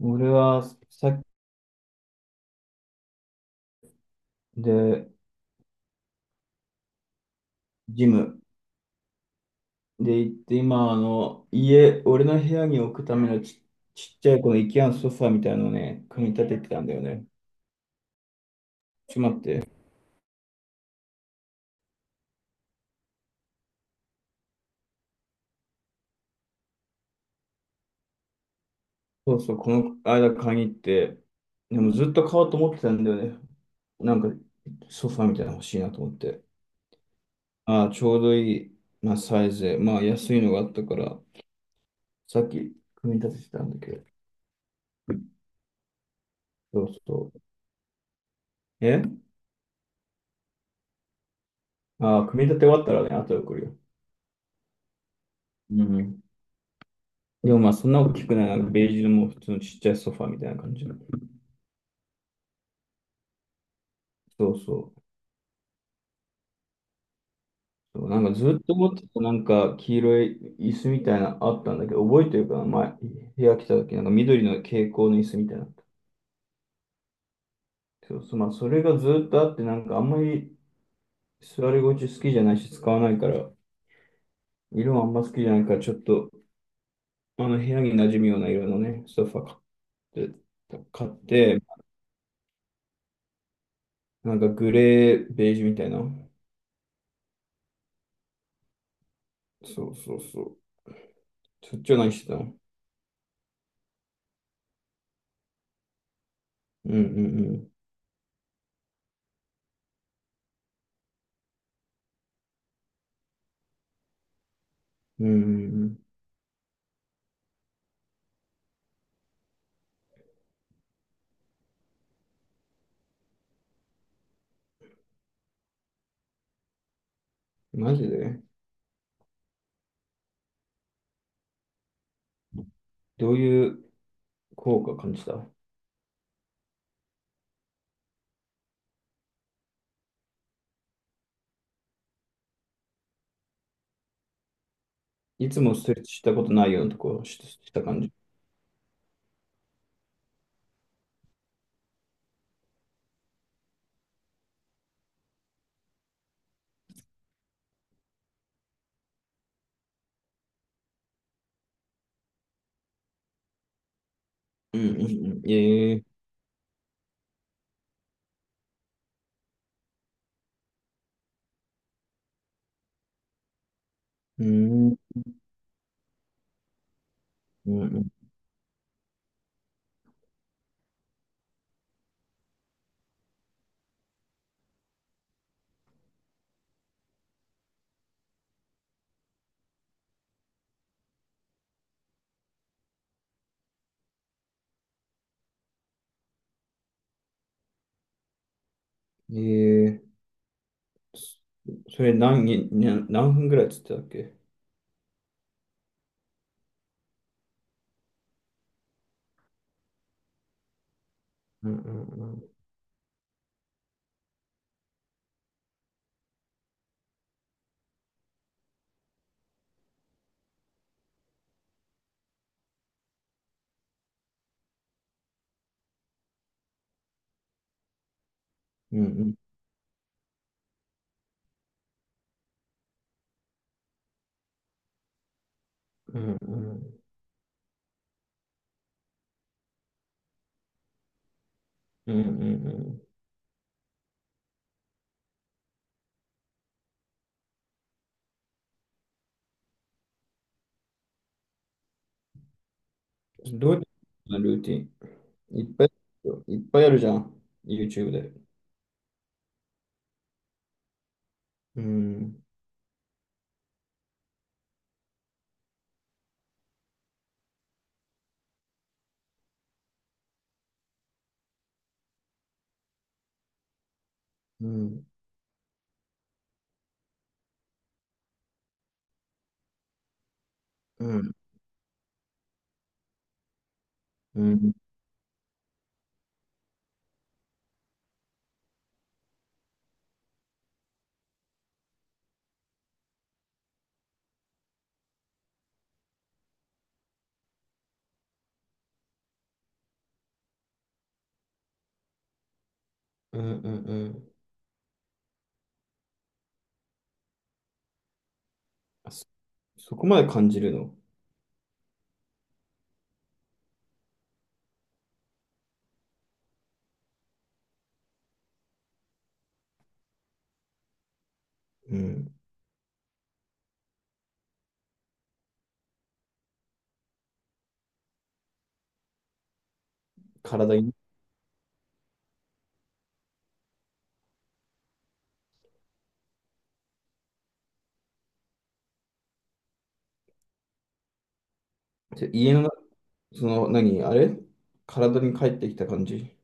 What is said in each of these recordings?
俺はさっきで、ジムで行って、今、家、俺の部屋に置くためのちっちゃいこの IKEA のソファーみたいなのをね、組み立ててたんだよね。ちょっと待って。そうそう、この間買いに行って、でもずっと買おうと思ってたんだよね。なんか、ソファーみたいなの欲しいなと思って。ああ、ちょうどいい、まあ、サイズで、まあ、安いのがあったから、さっき組み立ててたんだけど。そうそう。ああ、組み立て終わったらね、後で送るよ。うん。でもまあそんな大きくない、なんかベージュのもう普通のちっちゃいソファーみたいな感じの。そうそう。そう、なんかずっと持ってたなんか黄色い椅子みたいなのあったんだけど、覚えてるかな前、部屋来た時なんか緑の蛍光の椅子みたいなのあった。そうそう、まあそれがずっとあって、なんかあんまり座り心地好きじゃないし使わないから、色もあんま好きじゃないから、ちょっとあの部屋に馴染むような色のね、ソファ買って、買って、なんかグレー、ベージュみたいな。そうそうそう。そっちは何してたの？うんうんうん。マジで？どういう効果感じた？いつもストレッチしたことないようなとこした感じ。うんうんうん。ええ、うん。うんうん。ええ、そそれ何に、何分ぐらいっつってたっけ？うんうんうん。うんうんうん。うんうんうん。どうやってルーティン、いっぱい、いっぱいあるじゃん。YouTube で。うん。うん。うん。うん。うん。うん。うん。あ、そこまで感じるの？うん。体に、じゃ家の中、その、何、あれ、体に帰ってきた感じ。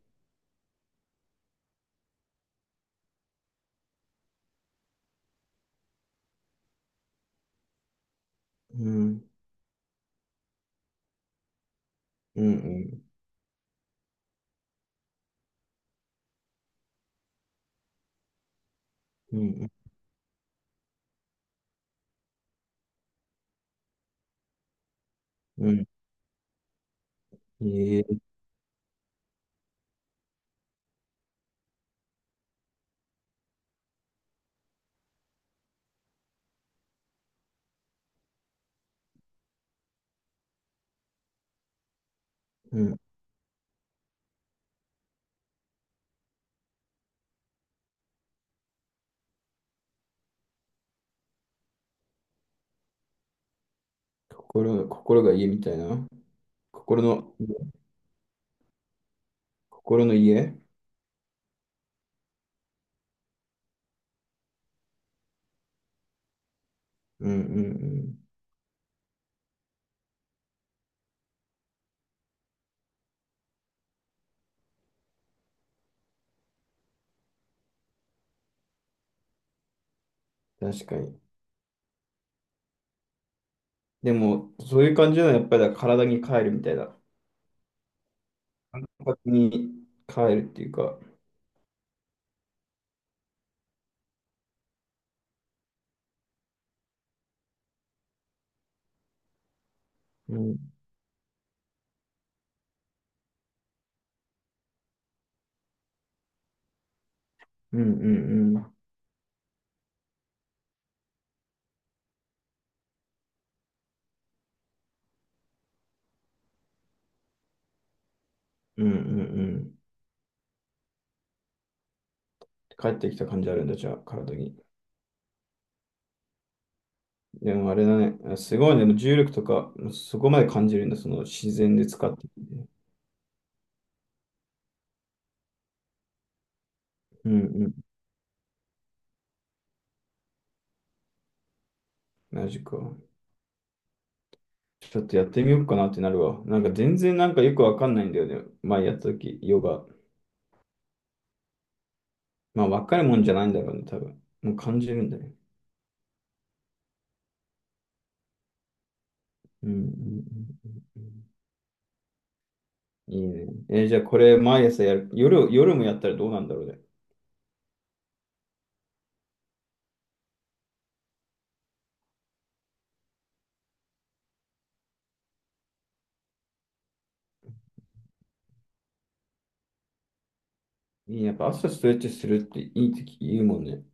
うん、うん、うん、うん、うん。ええ、うん。心が家みたいな。心の、心の家。うん、うん、うん。確かに。でも、そういう感じなのは、やっぱりだから体に帰るみたいな。体に帰るっていうか、うん、うん、うん、うん、うん、うん。うん、帰ってきた感じあるんだ、じゃあ、体に。でもあれだね。すごいね。でも重力とか、そこまで感じるんだ。その自然で使ってて。うんうん。マジか。ちょっとやってみようかなってなるわ。なんか全然なんかよくわかんないんだよね。前やった時、ヨガ。まあ、わかるもんじゃないんだろうね、多分。もう感じるんだね。うんうんうん。いいね。じゃあこれ毎朝やる。夜もやったらどうなんだろうね。いいね。やっぱ朝ストレッチするっていいって言うもんね。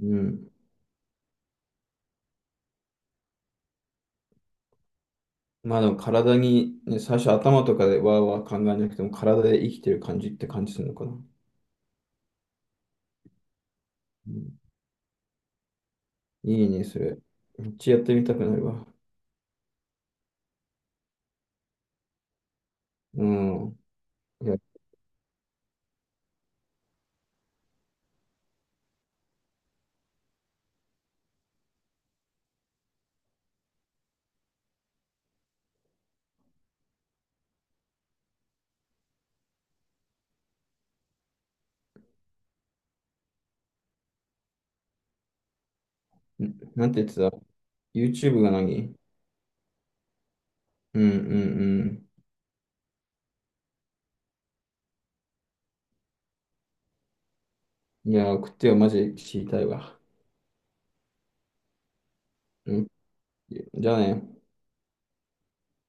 うん。まあでも体に、ね、最初頭とかでわーわー考えなくても体で生きてる感じって感じするのかな。うん、いいね、それ。めっちゃやってみたくなるわ。うん。いや、なんて言ってた？ YouTube が何？うんうんうん。いや、送ってよ、マジ知りたいわ。うん。じゃあね。